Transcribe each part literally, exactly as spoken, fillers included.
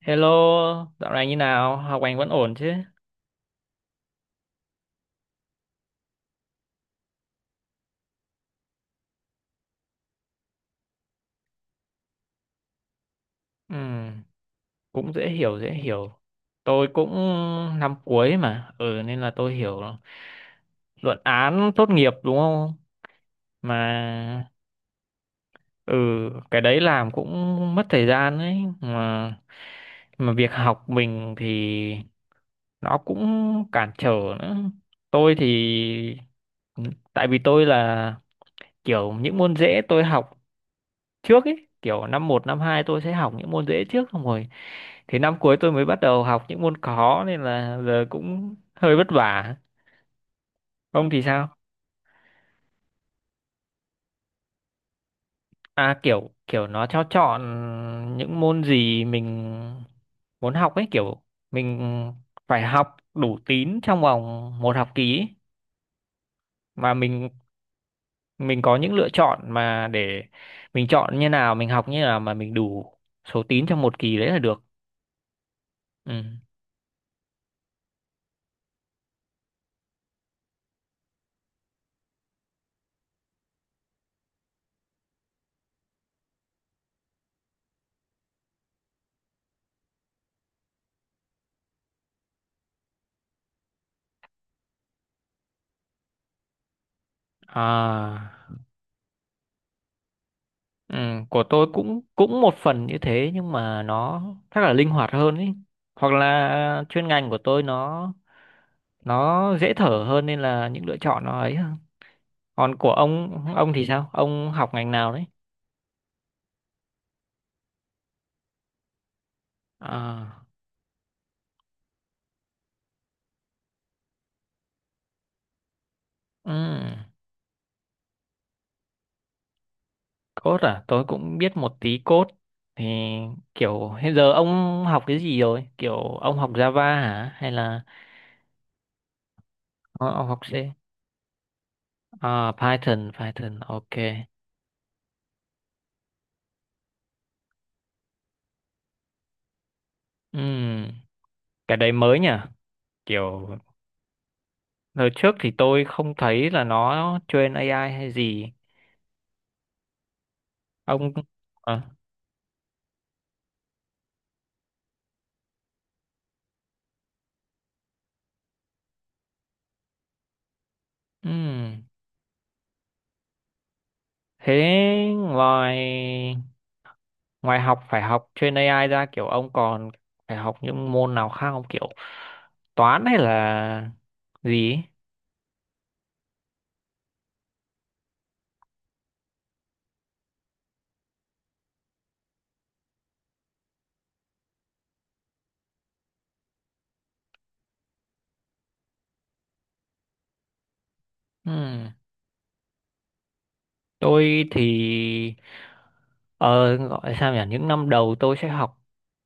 Hello, dạo này như nào? Học hành vẫn ổn chứ? Ừm, cũng dễ hiểu, dễ hiểu. Tôi cũng năm cuối mà, ừ nên là tôi hiểu luận án tốt nghiệp đúng không? Mà ừ cái đấy làm cũng mất thời gian đấy mà mà việc học mình thì nó cũng cản trở nữa. Tôi thì tại vì tôi là kiểu những môn dễ tôi học trước ấy, kiểu năm một năm hai tôi sẽ học những môn dễ trước xong rồi thì năm cuối tôi mới bắt đầu học những môn khó, nên là giờ cũng hơi vất vả. Ông thì sao? À, kiểu kiểu nó cho chọn những môn gì mình muốn học ấy, kiểu mình phải học đủ tín trong vòng một học kỳ ấy. Mà mình mình có những lựa chọn mà để mình chọn như nào, mình học như nào mà mình đủ số tín trong một kỳ đấy là được, ừ. À, ừ, của tôi cũng cũng một phần như thế nhưng mà nó chắc là linh hoạt hơn ý. Hoặc là chuyên ngành của tôi nó nó dễ thở hơn nên là những lựa chọn nó ấy hơn. Còn của ông ông thì sao? Ông học ngành nào đấy? À, ừ, code à? Tôi cũng biết một tí code. Thì kiểu hiện giờ ông học cái gì rồi? Kiểu ông học Java hả? Hay là ông, ông, học C? À, Python, Python, ok. Ừ, cái đấy mới nhỉ? Kiểu lần trước thì tôi không thấy là nó train a i hay gì. Ông à, ừm. Thế ngoài ngoài học phải học train a i ra, kiểu ông còn phải học những môn nào khác không, kiểu toán hay là gì ấy? Ừm. Tôi thì ờ, gọi sao nhỉ? Những năm đầu tôi sẽ học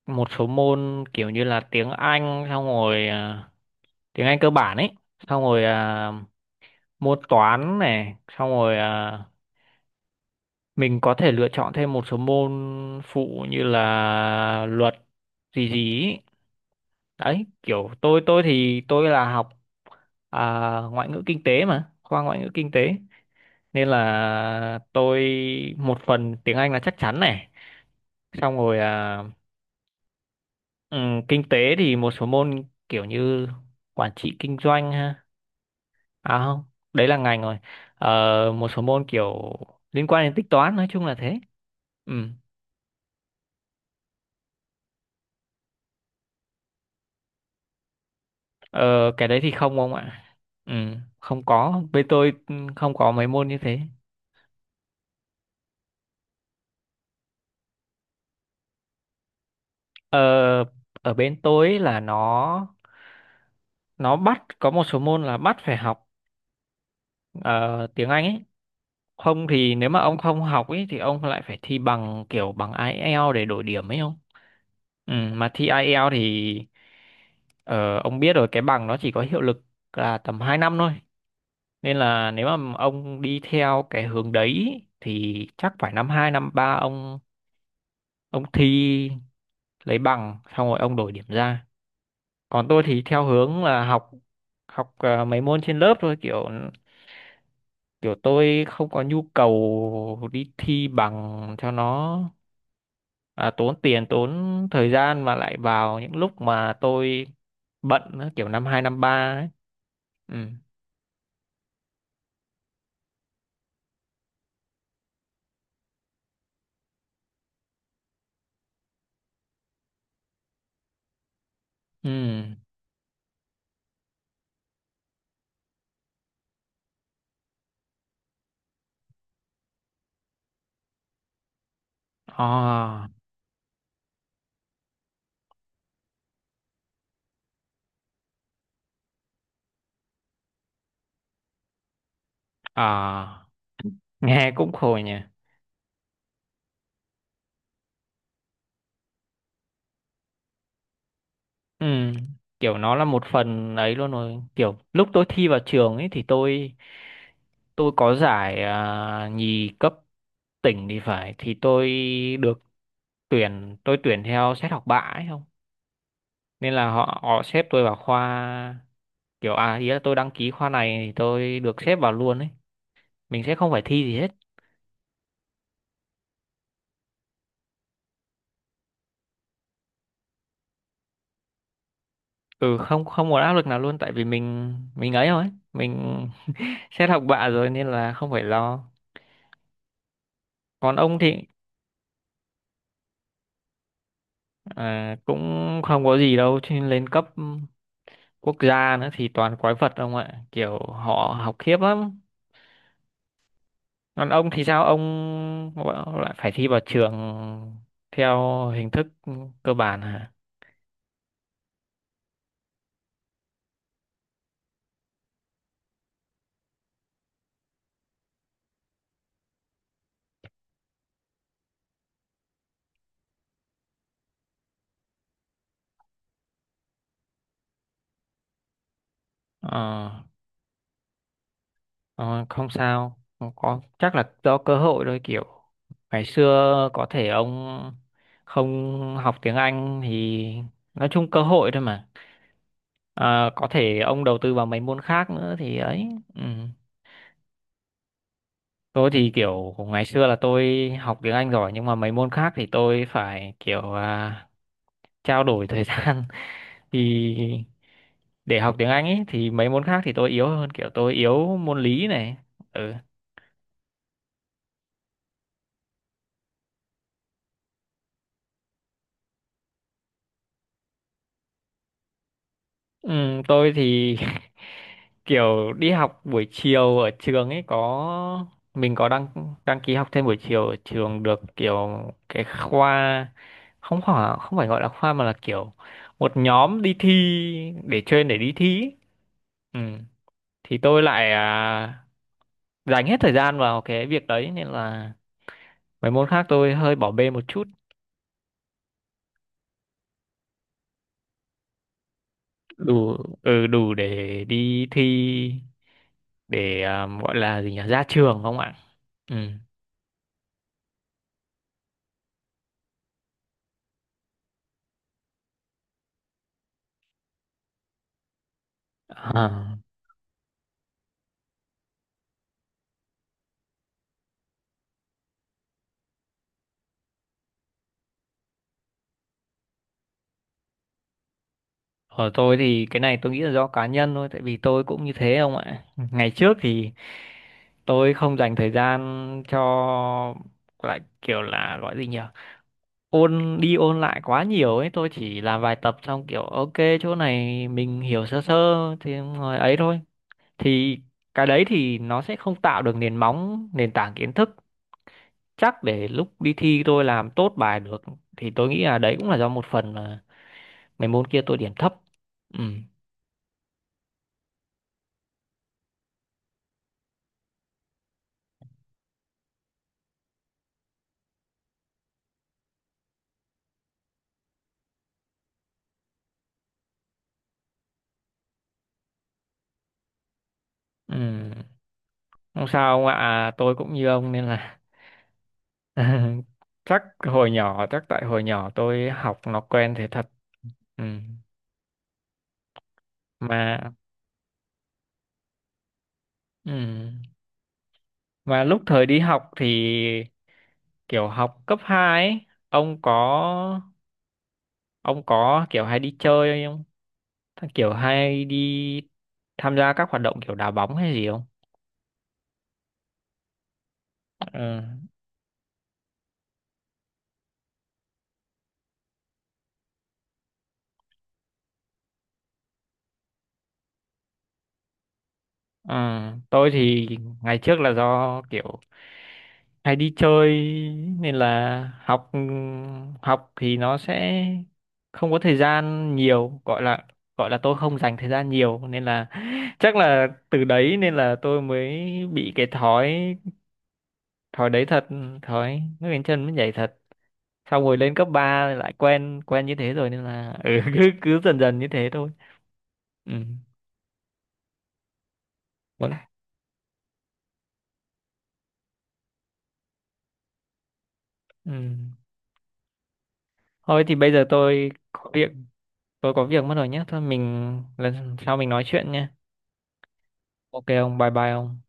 một số môn kiểu như là tiếng Anh, xong rồi à, tiếng Anh cơ bản ấy, xong rồi à, môn toán này, xong rồi à, mình có thể lựa chọn thêm một số môn phụ như là luật gì gì ý. Đấy, kiểu tôi tôi thì tôi là học à, ngoại ngữ kinh tế mà, khoa ngoại ngữ kinh tế, nên là tôi một phần tiếng Anh là chắc chắn này, xong rồi à, ừ, kinh tế thì một số môn kiểu như quản trị kinh doanh ha, à không, đấy là ngành rồi. Ờ, một số môn kiểu liên quan đến tính toán, nói chung là thế, ừ. Ờ, cái đấy thì không ông ạ. Ừ, không có. Bên tôi ừ, không có mấy môn như thế. Ờ, ở bên tôi ấy là nó nó bắt có một số môn là bắt phải học ờ, tiếng Anh ấy. Không thì nếu mà ông không học ấy thì ông lại phải thi bằng, kiểu bằng IELTS để đổi điểm ấy không? Ừ, mà thi IELTS thì ờ, ông biết rồi, cái bằng nó chỉ có hiệu lực là tầm hai năm thôi. Nên là nếu mà ông đi theo cái hướng đấy thì chắc phải năm hai năm ba ông ông thi lấy bằng xong rồi ông đổi điểm ra. Còn tôi thì theo hướng là học, học à, mấy môn trên lớp thôi, kiểu kiểu tôi không có nhu cầu đi thi bằng cho nó à, tốn tiền tốn thời gian mà lại vào những lúc mà tôi bận nữa, kiểu năm hai năm ba ấy, ừ, ừ. À, à, nghe cũng khổ nhỉ. Ừ, kiểu nó là một phần ấy luôn rồi, kiểu lúc tôi thi vào trường ấy thì tôi tôi có giải à, nhì cấp tỉnh thì phải, thì tôi được tuyển, tôi tuyển theo xét học bạ ấy không, nên là họ họ xếp tôi vào khoa, kiểu à ý là tôi đăng ký khoa này thì tôi được xếp vào luôn ấy, mình sẽ không phải thi gì hết. Ừ, không, không một áp lực nào luôn, tại vì mình mình ấy rồi ấy, mình xét học bạ rồi nên là không phải lo. Còn ông thì à, cũng không có gì đâu chứ, lên cấp quốc gia nữa thì toàn quái vật ông ạ, kiểu họ học khiếp lắm. Còn ông thì sao, ông lại phải thi vào trường theo hình thức cơ bản hả? Ờ, ờ, không sao, không có, chắc là do cơ hội thôi, kiểu ngày xưa có thể ông không học tiếng Anh thì nói chung cơ hội thôi mà. Ờ, có thể ông đầu tư vào mấy môn khác nữa thì ấy, ừ. Tôi thì kiểu ngày xưa là tôi học tiếng Anh giỏi nhưng mà mấy môn khác thì tôi phải kiểu à, trao đổi thời gian thì để học tiếng Anh ấy thì mấy môn khác thì tôi yếu hơn, kiểu tôi yếu môn lý này. Ừ. Ừm, tôi thì kiểu đi học buổi chiều ở trường ấy, có mình có đăng đăng ký học thêm buổi chiều ở trường được, kiểu cái khoa, không phải không phải gọi là khoa mà là kiểu một nhóm đi thi, để chuyên để đi thi ý. Ừ. Thì tôi lại à, dành hết thời gian vào cái việc đấy nên là mấy môn khác tôi hơi bỏ bê một chút. Đủ, ừ, đủ để đi thi, để à, gọi là gì nhỉ, ra trường không ạ, ừ. À. Ở tôi thì cái này tôi nghĩ là do cá nhân thôi, tại vì tôi cũng như thế không ạ, ngày trước thì tôi không dành thời gian cho, lại kiểu là gọi gì nhỉ, ôn đi ôn lại quá nhiều ấy, tôi chỉ làm vài tập xong kiểu ok, chỗ này mình hiểu sơ sơ thì ngồi ấy thôi, thì cái đấy thì nó sẽ không tạo được nền móng nền tảng kiến thức chắc để lúc đi thi tôi làm tốt bài được, thì tôi nghĩ là đấy cũng là do một phần là mấy môn kia tôi điểm thấp, ừ, ừ. Không sao ông ạ à, tôi cũng như ông nên là chắc hồi nhỏ, chắc tại hồi nhỏ tôi học nó quen thế thật, ừ mà ừ. Mà lúc thời đi học thì kiểu học cấp hai ấy, ông có ông có kiểu hay đi chơi không? Kiểu hay đi tham gia các hoạt động kiểu đá bóng hay gì không? Ừ. Ờ, tôi thì ngày trước là do kiểu hay đi chơi nên là học, học thì nó sẽ không có thời gian nhiều, gọi là gọi là tôi không dành thời gian nhiều nên là chắc là từ đấy nên là tôi mới bị cái thói, thói đấy thật, thói nước đến chân mới nhảy thật, xong rồi lên cấp ba lại quen quen như thế rồi nên là ừ, cứ cứ dần dần như thế thôi, ừ. Vẫn- ừ. Thôi thì bây giờ tôi có việc tôi có việc mất rồi nhé, thôi mình lần sau mình nói chuyện nhé. Ok ông, bye bye ông.